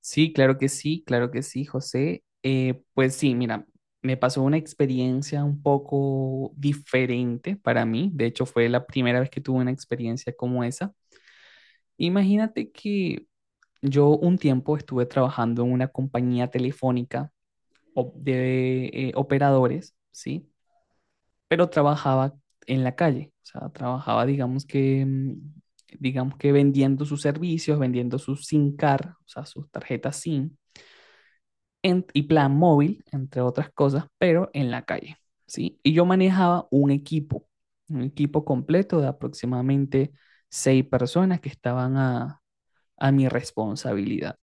Sí, claro que sí, claro que sí, José. Pues sí, mira, me pasó una experiencia un poco diferente para mí. De hecho, fue la primera vez que tuve una experiencia como esa. Imagínate que yo un tiempo estuve trabajando en una compañía telefónica de operadores, ¿sí? Pero trabajaba en la calle, o sea, trabajaba, digamos que, digamos que vendiendo sus servicios, vendiendo sus SIM card, o sea, sus tarjetas SIM y plan móvil, entre otras cosas, pero en la calle, ¿sí? Y yo manejaba un equipo completo de aproximadamente seis personas que estaban a mi responsabilidad.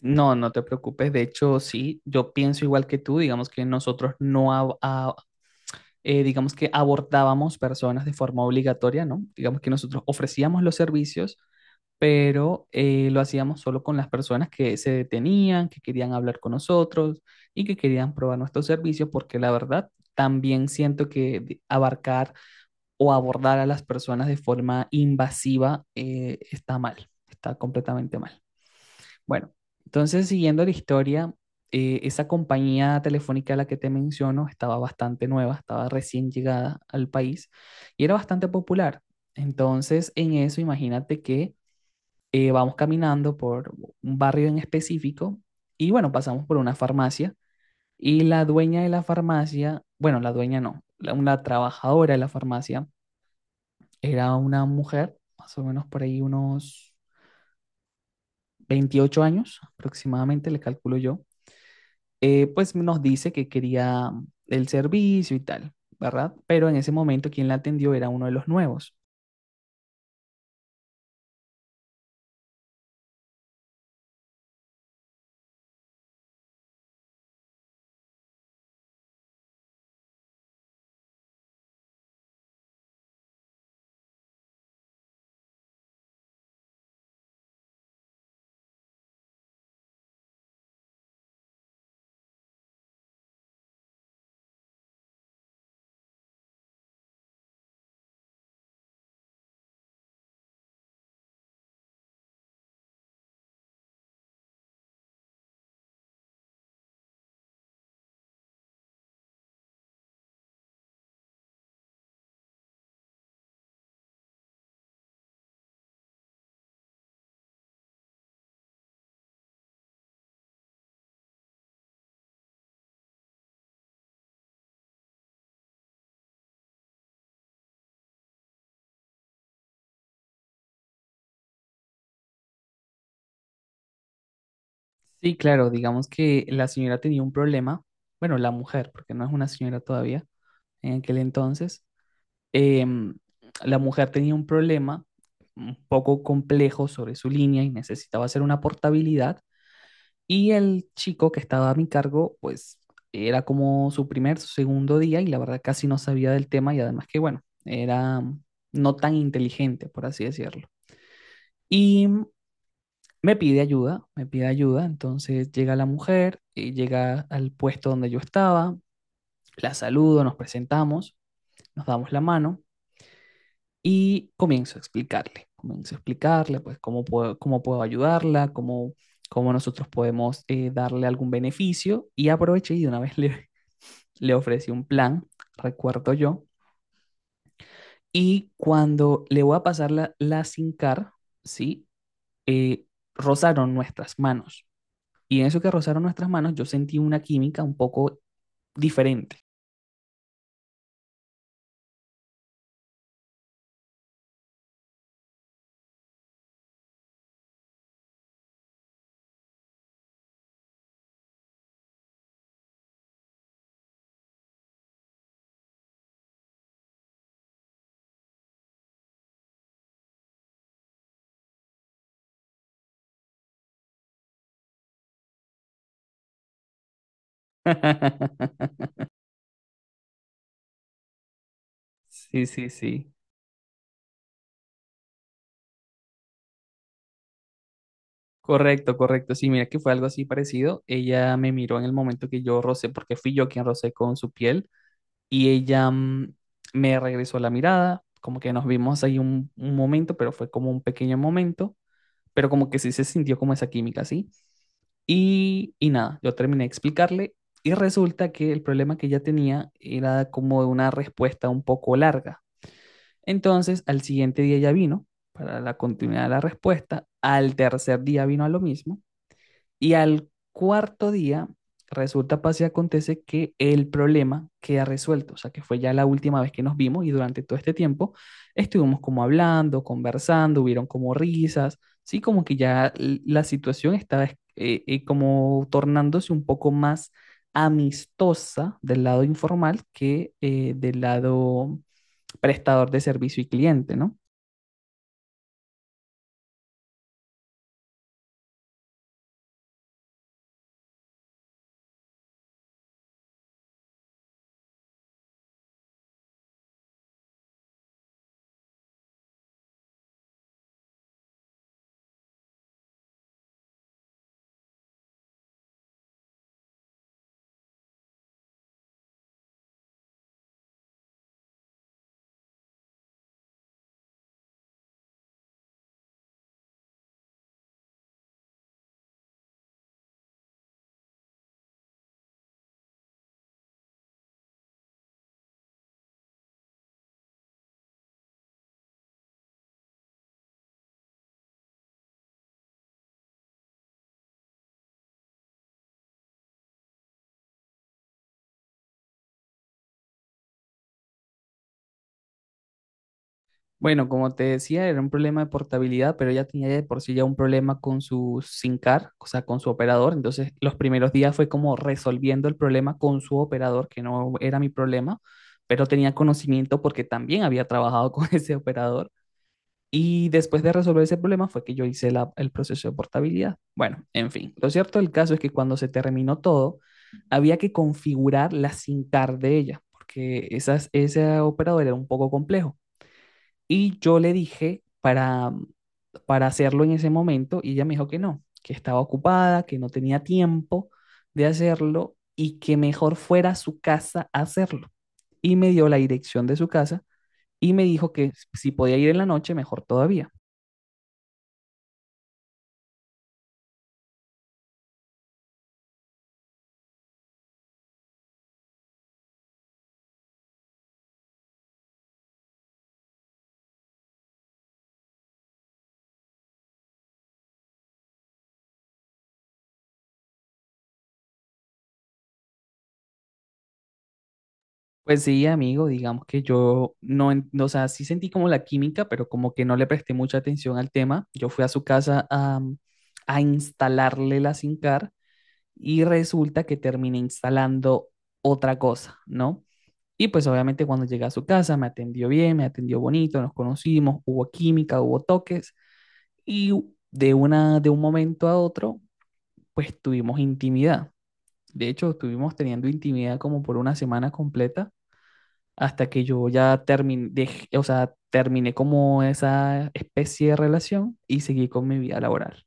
No, no te preocupes, de hecho, sí, yo pienso igual que tú, digamos que nosotros no, ab- a- digamos que abordábamos personas de forma obligatoria, ¿no? Digamos que nosotros ofrecíamos los servicios pero lo hacíamos solo con las personas que se detenían, que querían hablar con nosotros y que querían probar nuestros servicios, porque la verdad también siento que abarcar o abordar a las personas de forma invasiva está mal, está completamente mal. Bueno, entonces siguiendo la historia, esa compañía telefónica a la que te menciono estaba bastante nueva, estaba recién llegada al país y era bastante popular. Entonces, en eso, imagínate que vamos caminando por un barrio en específico y bueno, pasamos por una farmacia y la dueña de la farmacia, bueno, la dueña no, la trabajadora de la farmacia era una mujer, más o menos por ahí unos 28 años aproximadamente, le calculo yo, pues nos dice que quería el servicio y tal, ¿verdad? Pero en ese momento quien la atendió era uno de los nuevos. Sí, claro, digamos que la señora tenía un problema, bueno, la mujer, porque no es una señora todavía en aquel entonces, em, la mujer tenía un problema un poco complejo sobre su línea y necesitaba hacer una portabilidad y el chico que estaba a mi cargo, pues era como su primer, su segundo día y la verdad casi no sabía del tema y además que, bueno, era no tan inteligente, por así decirlo. Y me pide ayuda, entonces llega la mujer y llega al puesto donde yo estaba, la saludo, nos presentamos, nos damos la mano y comienzo a explicarle pues cómo puedo ayudarla, cómo, cómo nosotros podemos darle algún beneficio y aproveché y de una vez le ofrecí un plan, recuerdo yo, y cuando le voy a pasar la SIM card, ¿sí? Eh, rozaron nuestras manos. Y en eso que rozaron nuestras manos, yo sentí una química un poco diferente. Sí, sí, sí. Correcto, correcto. Sí, mira que fue algo así parecido. Ella me miró en el momento que yo rocé, porque fui yo quien rocé con su piel, y ella me regresó la mirada, como que nos vimos ahí un momento, pero fue como un pequeño momento, pero como que sí se sintió como esa química, ¿sí? Y nada, yo terminé de explicarle y resulta que el problema que ella tenía era como de una respuesta un poco larga. Entonces, al siguiente día ya vino para la continuidad de la respuesta, al tercer día vino a lo mismo, y al cuarto día, resulta, pasa y acontece que el problema queda resuelto. O sea, que fue ya la última vez que nos vimos y durante todo este tiempo estuvimos como hablando, conversando, hubieron como risas, ¿sí? Como que ya la situación estaba como tornándose un poco más amistosa del lado informal que del lado prestador de servicio y cliente, ¿no? Bueno, como te decía, era un problema de portabilidad, pero ella tenía de por sí ya un problema con su SIM card, o sea, con su operador. Entonces, los primeros días fue como resolviendo el problema con su operador, que no era mi problema, pero tenía conocimiento porque también había trabajado con ese operador. Y después de resolver ese problema fue que yo hice el proceso de portabilidad. Bueno, en fin, lo cierto del caso es que cuando se terminó todo, había que configurar la SIM card de ella, porque esas, ese operador era un poco complejo. Y yo le dije para hacerlo en ese momento y ella me dijo que no, que estaba ocupada, que no tenía tiempo de hacerlo y que mejor fuera a su casa a hacerlo. Y me dio la dirección de su casa y me dijo que si podía ir en la noche, mejor todavía. Pues sí, amigo, digamos que yo no, o sea, sí sentí como la química, pero como que no le presté mucha atención al tema. Yo fui a su casa a instalarle la SIM card y resulta que terminé instalando otra cosa, ¿no? Y pues obviamente cuando llegué a su casa me atendió bien, me atendió bonito, nos conocimos, hubo química, hubo toques y de un momento a otro pues tuvimos intimidad. De hecho, estuvimos teniendo intimidad como por una semana completa hasta que yo ya terminé, o sea, terminé como esa especie de relación y seguí con mi vida laboral.